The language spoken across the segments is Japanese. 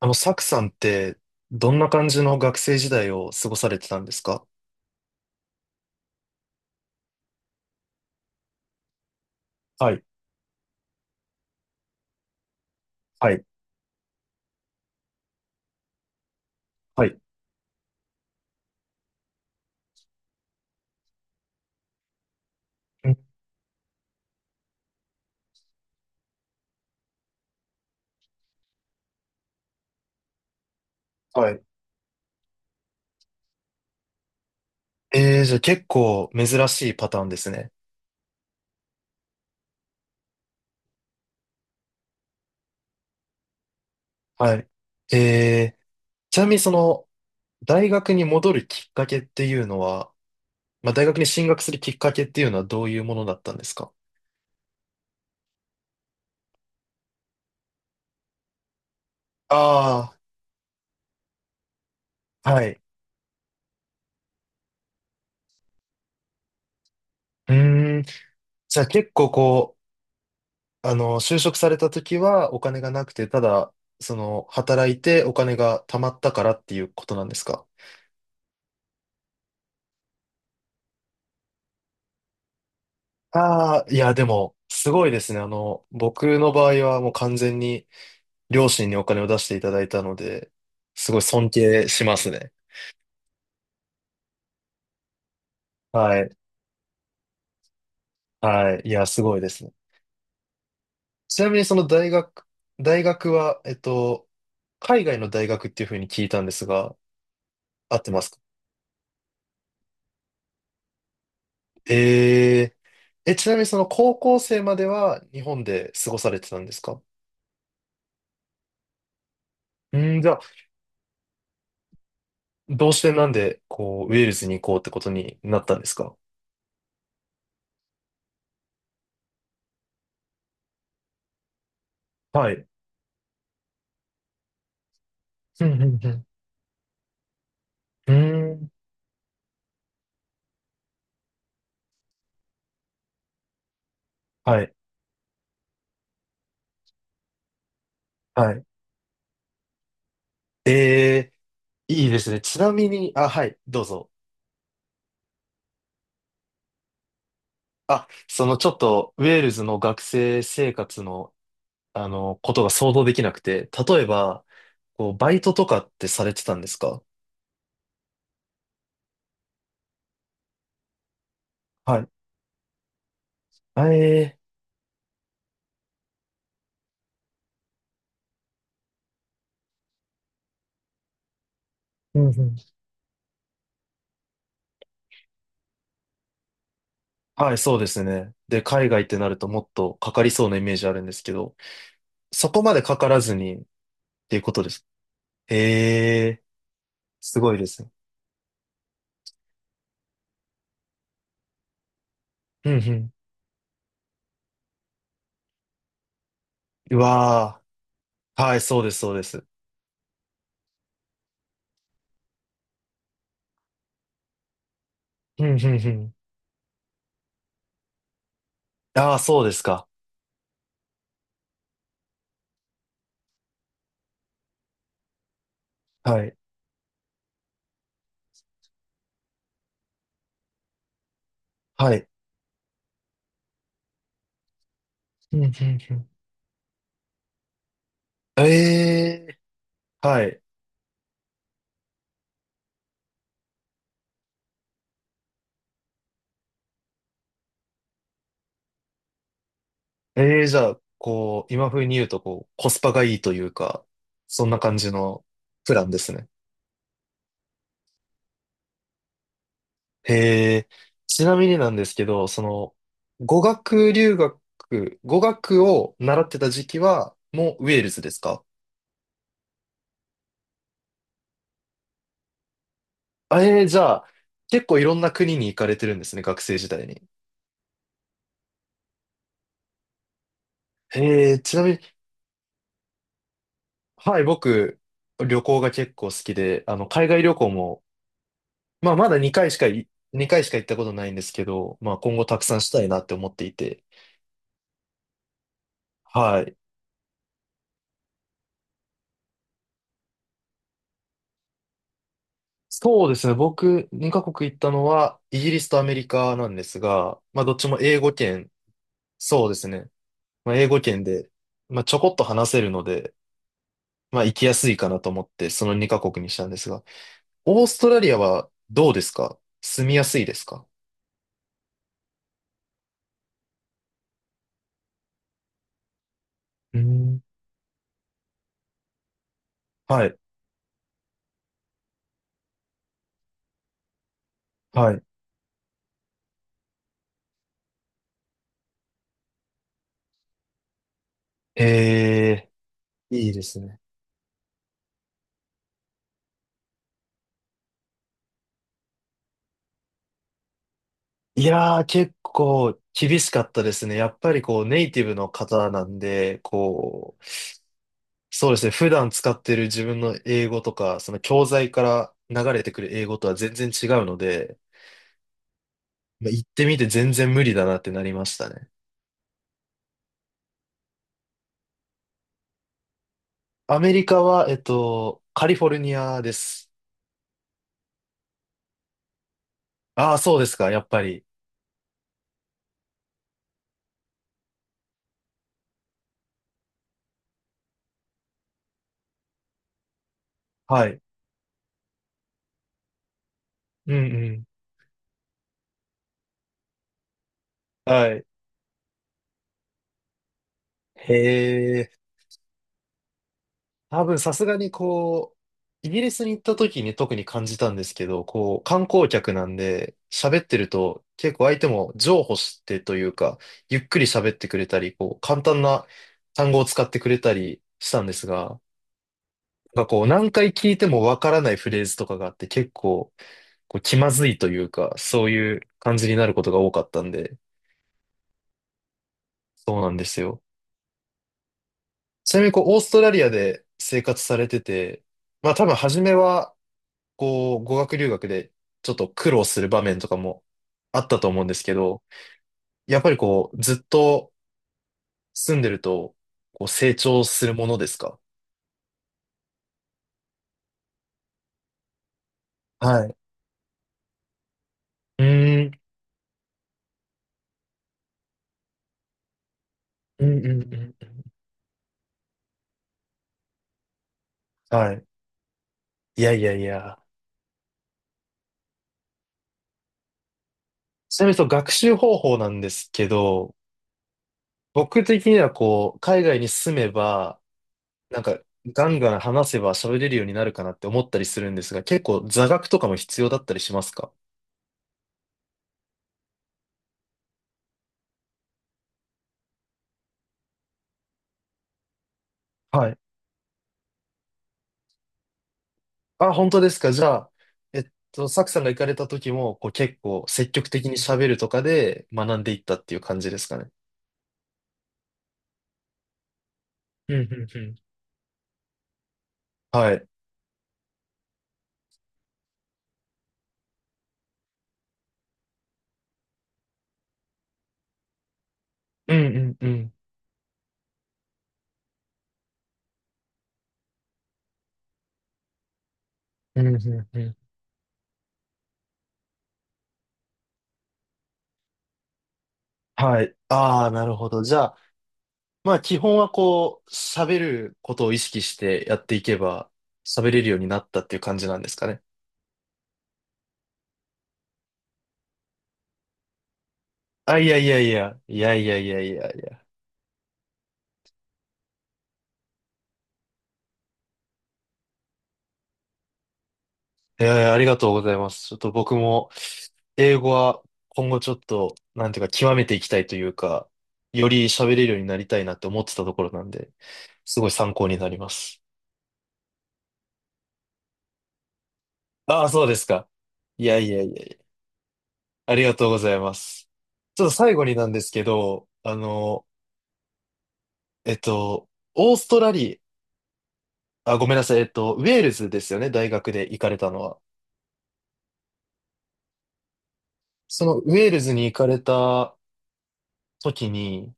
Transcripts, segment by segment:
サクさんって、どんな感じの学生時代を過ごされてたんですか？はい、はい、はい、うん、はい。じゃあ結構珍しいパターンですね。はい。えー、ちなみにその、大学に戻るきっかけっていうのは、まあ、大学に進学するきっかけっていうのはどういうものだったんですか？ああー、はい。うーん。じゃあ結構就職された時はお金がなくて、ただ、働いてお金が貯まったからっていうことなんですか？ああ、いや、でも、すごいですね。僕の場合はもう完全に両親にお金を出していただいたので、すごい尊敬しますね。はい。はい。いや、すごいですね。ちなみに大学は、海外の大学っていうふうに聞いたんですが、合ってますか？えちなみにその高校生までは日本で過ごされてたんですか？うん、じゃあ、どうしてなんで、こう、ウェールズに行こうってことになったんですか？はい。うんうんうん。うん、はい、はい。えいいですね。ちなみに、あ、はい、どうぞ。あ、ちょっと、ウェールズの学生生活の、ことが想像できなくて、例えば、バイトとかってされてたんですか？はい。あ、うんうん、はい、そうですね。で、海外ってなるともっとかかりそうなイメージあるんですけど、そこまでかからずにっていうことです。えー、すごいですね。うんうん。うわー、はい、そうです、そうです。うんうんうん。ああ、そうですか。はい。はい。うん、うん、うん。ええ、はい。ええ、じゃあ、今風に言うと、コスパがいいというか、そんな感じのプランですね。へえ、ちなみになんですけど、語学を習ってた時期は、もうウェールズですか？あ、ええ、じゃあ、結構いろんな国に行かれてるんですね、学生時代に。へえ、ちなみに、はい、僕、旅行が結構好きで、海外旅行もまあ、まだ2回しか行ったことないんですけど、まあ、今後たくさんしたいなって思っていて。はい。そうですね。僕、2カ国行ったのは、イギリスとアメリカなんですが、まあ、どっちも英語圏、そうですね。まあ、英語圏で、まあ、ちょこっと話せるので、まあ、行きやすいかなと思って、その2カ国にしたんですが、オーストラリアはどうですか？住みやすいですか？うん。はい。はい。ええ、いいですね。いやー、結構厳しかったですね。やっぱりネイティブの方なんで、そうですね。普段使ってる自分の英語とか、その教材から流れてくる英語とは全然違うので、まあ、行ってみて全然無理だなってなりましたね。アメリカは、カリフォルニアです。ああ、そうですか、やっぱり。はい。うんうん。はい。へー、多分さすがにイギリスに行った時に特に感じたんですけど、観光客なんで喋ってると結構相手も譲歩してというか、ゆっくり喋ってくれたり、簡単な単語を使ってくれたりしたんですが、なんか何回聞いてもわからないフレーズとかがあって結構、気まずいというか、そういう感じになることが多かったんで、そうなんですよ。ちなみにオーストラリアで生活されてて、まあ多分初めは、語学留学でちょっと苦労する場面とかもあったと思うんですけど、やっぱりずっと住んでると、成長するものですか？はい。うーん。うんうんうん。はい。いやいやいや。ちなみにその学習方法なんですけど、僕的には海外に住めば、なんか、ガンガン話せば喋れるようになるかなって思ったりするんですが、結構座学とかも必要だったりしますか？はい。あ、本当ですか。じゃあ、えっサクさんが行かれた時も、結構積極的に喋るとかで学んでいったっていう感じですかね。うん、うん、うん。はい。うんうんうん。うん、うん、うん。はい。ああ、なるほど。じゃあ、まあ基本は喋ることを意識してやっていけば、喋れるようになったっていう感じなんですかね。あ、いやいやいや、いやいやいやいやいや。ありがとうございます。ちょっと僕も、英語は今後ちょっと、なんていうか、極めていきたいというか、より喋れるようになりたいなって思ってたところなんで、すごい参考になります。ああ、そうですか。いやいやいやいや、ありがとうございます。ちょっと最後になんですけど、えっと、オーストラリア、あ、ごめんなさい、ウェールズですよね、大学で行かれたのは。そのウェールズに行かれた時に、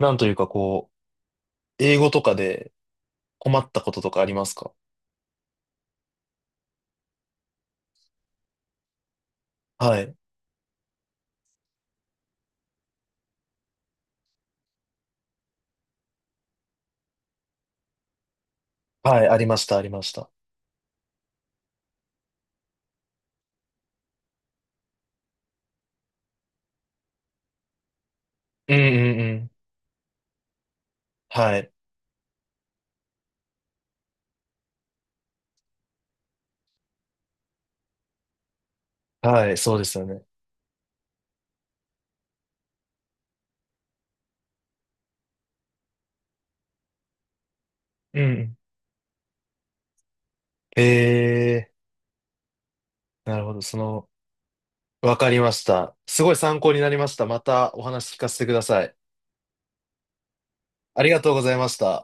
なんというか英語とかで、困ったこととかありますか？はい。はい、ありました、ありました。うんうんうん。はい。はい、そうですよね。うんえなるほど。わかりました。すごい参考になりました。またお話聞かせてください。ありがとうございました。